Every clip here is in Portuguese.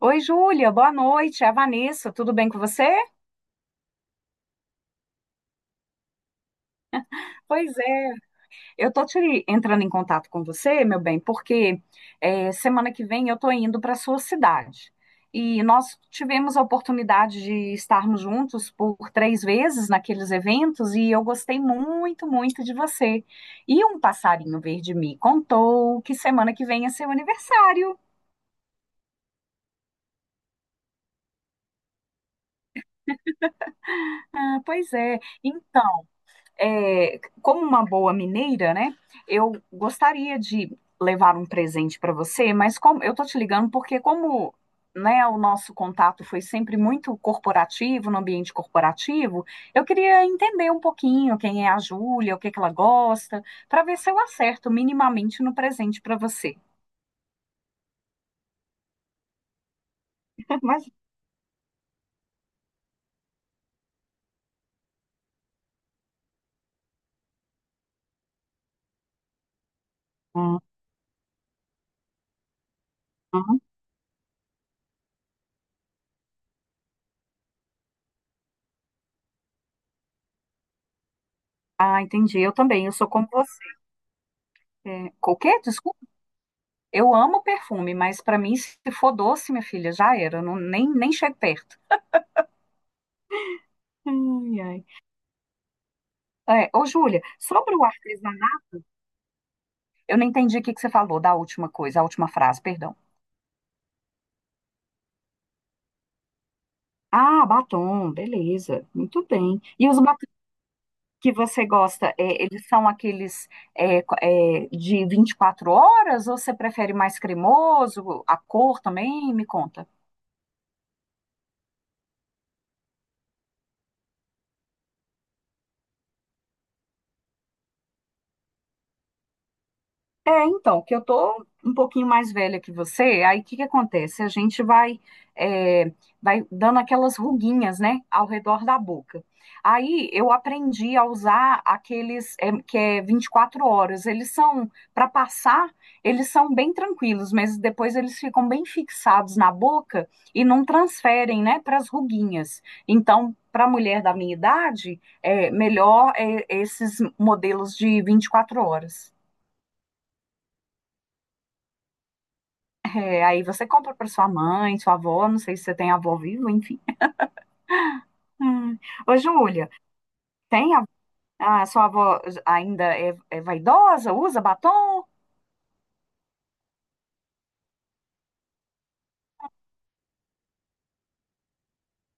Oi, Júlia, boa noite. É a Vanessa, tudo bem com você? Pois é, eu tô te entrando em contato com você, meu bem, porque semana que vem eu tô indo para sua cidade. E nós tivemos a oportunidade de estarmos juntos por três vezes naqueles eventos e eu gostei muito, muito de você. E um passarinho verde me contou que semana que vem é seu aniversário. Ah, pois é. Então, como uma boa mineira, né? Eu gostaria de levar um presente para você, mas como eu tô te ligando porque como né, o nosso contato foi sempre muito corporativo, no ambiente corporativo, eu queria entender um pouquinho quem é a Júlia, o que que ela gosta, para ver se eu acerto minimamente no presente para você. Mas, Uhum. Ah, entendi. Eu também, eu sou como você. É, O Desculpa. Eu amo perfume, mas para mim, se for doce, minha filha, já era. Eu não- nem, nem chego perto. Ai, ai. Ô, Júlia, sobre o artesanato, eu não entendi o que que você falou da última coisa, a última frase, perdão. Ah, batom, beleza, muito bem. E os batons que você gosta, eles são aqueles de 24 horas ou você prefere mais cremoso? A cor também? Me conta. Então, que eu tô um pouquinho mais velha que você, aí o que que acontece? A gente é, vai dando aquelas ruguinhas, né, ao redor da boca. Aí eu aprendi a usar aqueles que é 24 horas. Para passar, eles são bem tranquilos, mas depois eles ficam bem fixados na boca e não transferem, né, para as ruguinhas. Então, para a mulher da minha idade, é melhor esses modelos de 24 horas. Aí você compra para sua mãe, sua avó, não sei se você tem avó vivo, enfim. Hum. Ô, Júlia, tem a sua avó ainda é vaidosa? Usa batom?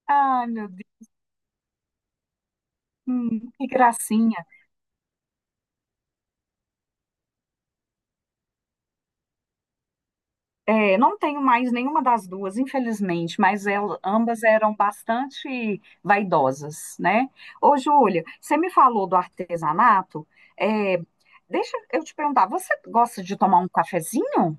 Ai, meu Deus, que gracinha. Não tenho mais nenhuma das duas, infelizmente, mas ambas eram bastante vaidosas, né? Ô, Júlia, você me falou do artesanato. É, Deixa eu te perguntar, você gosta de tomar um cafezinho?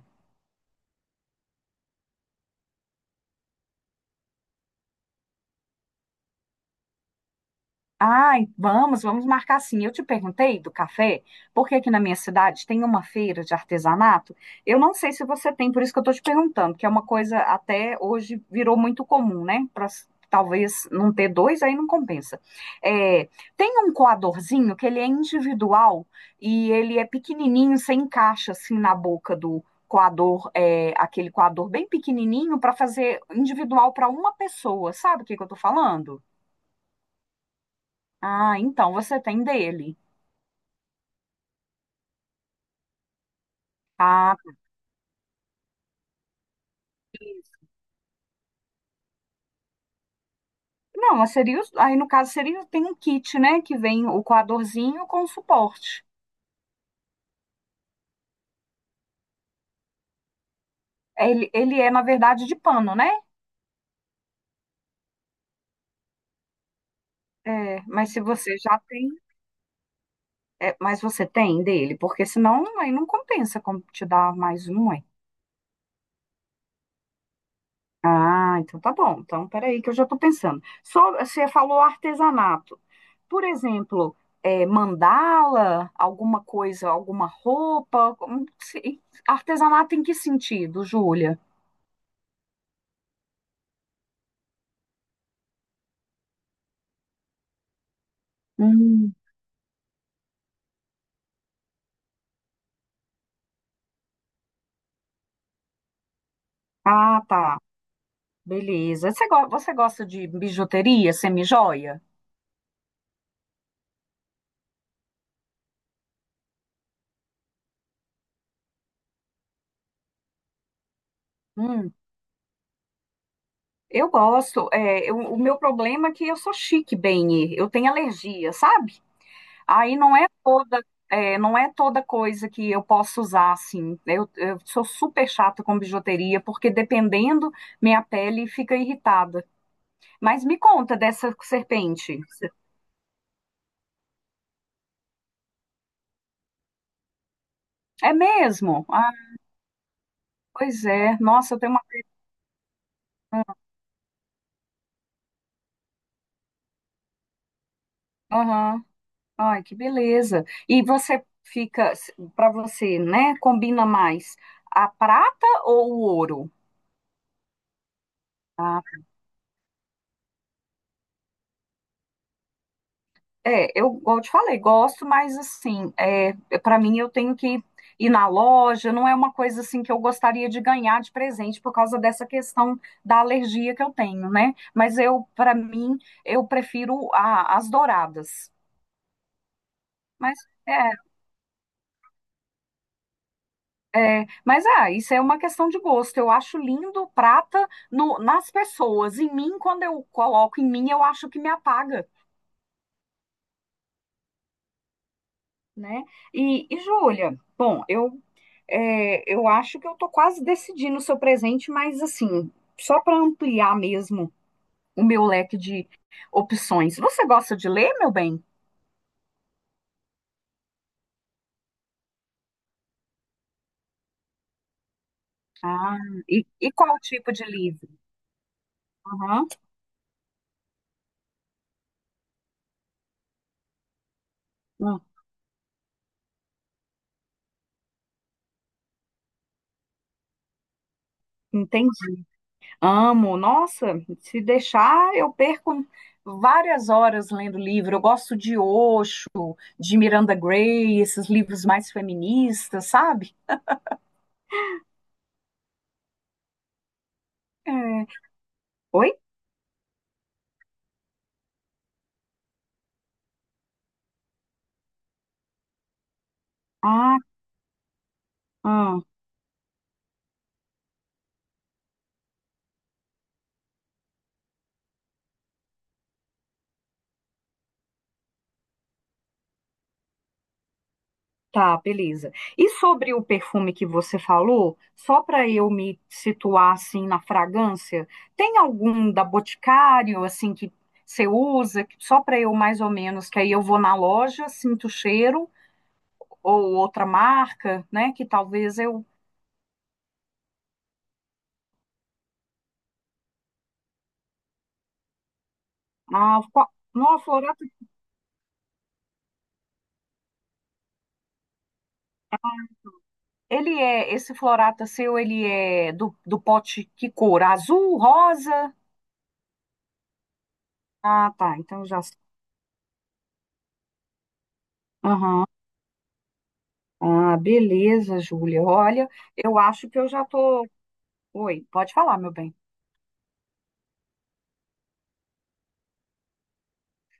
Ai, vamos, vamos marcar sim. Eu te perguntei do café, porque aqui na minha cidade tem uma feira de artesanato. Eu não sei se você tem, por isso que eu estou te perguntando, que é uma coisa até hoje virou muito comum, né? Talvez não ter dois, aí não compensa. É, Tem um coadorzinho que ele é individual e ele é pequenininho, você encaixa assim na boca do coador, aquele coador bem pequenininho para fazer individual para uma pessoa. Sabe o que que eu estou falando? Ah, então você tem dele. Ah, não, mas seria, aí no caso seria, tem um kit, né, que vem o coadorzinho com suporte. Ele é, na verdade, de pano, né? Mas se você já tem, mas você tem dele, porque senão aí não compensa como te dar mais um, ué. Ah, então tá bom. Então, peraí que eu já estou pensando. Só, você falou artesanato. Por exemplo, mandala, alguma coisa, alguma roupa. Como se- Artesanato em que sentido, Júlia? Hum, Ah, tá. Beleza. Você gosta de bijuteria, semijoia? Hum, eu gosto. O meu problema é que eu sou chique, bem. Eu tenho alergia, sabe? Aí não é toda, é, Não é toda coisa que eu posso usar assim. Eu sou super chata com bijuteria, porque dependendo, minha pele fica irritada. Mas me conta dessa serpente. É mesmo? Ah, pois é. Nossa, eu tenho uma. Aham. Ai, que beleza. E você fica, para você, né? Combina mais a prata ou o ouro? Ah, eu, igual eu te falei, gosto, mas assim, para mim eu tenho que ir na loja, não é uma coisa assim que eu gostaria de ganhar de presente por causa dessa questão da alergia que eu tenho, né? Mas eu, para mim, eu prefiro as douradas. Mas é, mas isso é uma questão de gosto. Eu acho lindo prata nas pessoas. Em mim, quando eu coloco em mim, eu acho que me apaga, né? E Júlia, bom, eu acho que eu tô quase decidindo o seu presente, mas assim, só para ampliar mesmo o meu leque de opções. Você gosta de ler, meu bem? Ah, e qual tipo de livro? Aham, hum, entendi. Amo. Nossa, se deixar, eu perco várias horas lendo livro. Eu gosto de Osho, de Miranda Gray, esses livros mais feministas, sabe? É, Oi? Ah, hum. Tá, beleza. E sobre o perfume que você falou, só para eu me situar assim na fragrância, tem algum da Boticário assim que você usa, só para eu mais ou menos, que aí eu vou na loja, sinto o cheiro, ou outra marca, né, que talvez eu qual... Não, a Florata, ele é esse Florata seu, ele é do pote que cor? Azul, rosa? Ah, tá, então já sei. Ah, beleza, Júlia. Olha, eu acho que eu já tô. Oi, pode falar, meu bem.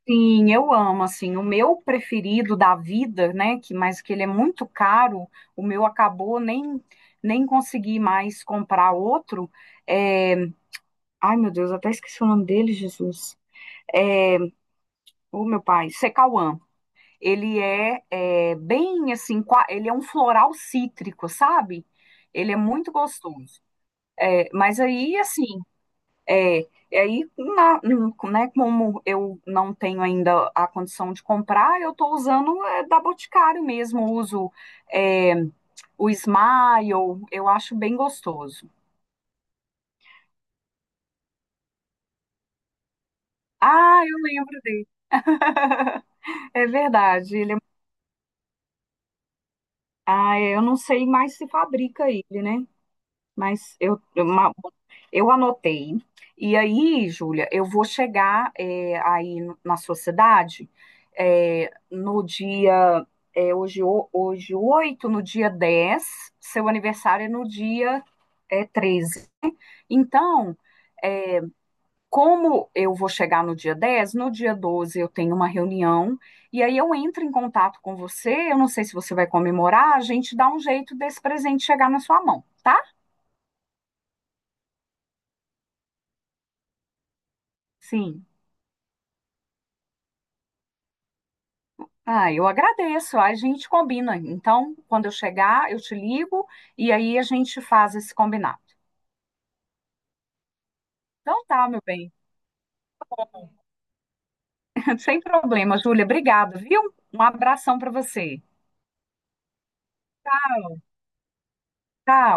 Sim, eu amo, assim, o meu preferido da vida, né, mas que ele é muito caro, o meu acabou, nem consegui mais comprar outro, é... Ai, meu Deus, até esqueci o nome dele, Jesus. O meu pai, Secauã. Ele é bem assim, ele é um floral cítrico, sabe? Ele é muito gostoso. Mas aí, assim, e aí, né, como eu não tenho ainda a condição de comprar, eu estou usando da Boticário mesmo, uso é, o Smile, eu acho bem gostoso. Ah, eu lembro dele. É verdade. Ele é- ah, é, Eu não sei mais se fabrica ele, né? Mas eu anotei. E aí, Júlia, eu vou chegar aí na sua cidade no dia. Hoje, hoje 8. No dia 10 seu aniversário é no dia 13. Então, eh, como eu vou chegar no dia 10, no dia 12 eu tenho uma reunião e aí eu entro em contato com você. Eu não sei se você vai comemorar, a gente dá um jeito desse presente chegar na sua mão, tá? Sim. Ah, eu agradeço. A gente combina. Então, quando eu chegar, eu te ligo e aí a gente faz esse combinado. Então tá, meu bem. Sem problema, Júlia. Obrigada, viu? Um abração para você. Tchau.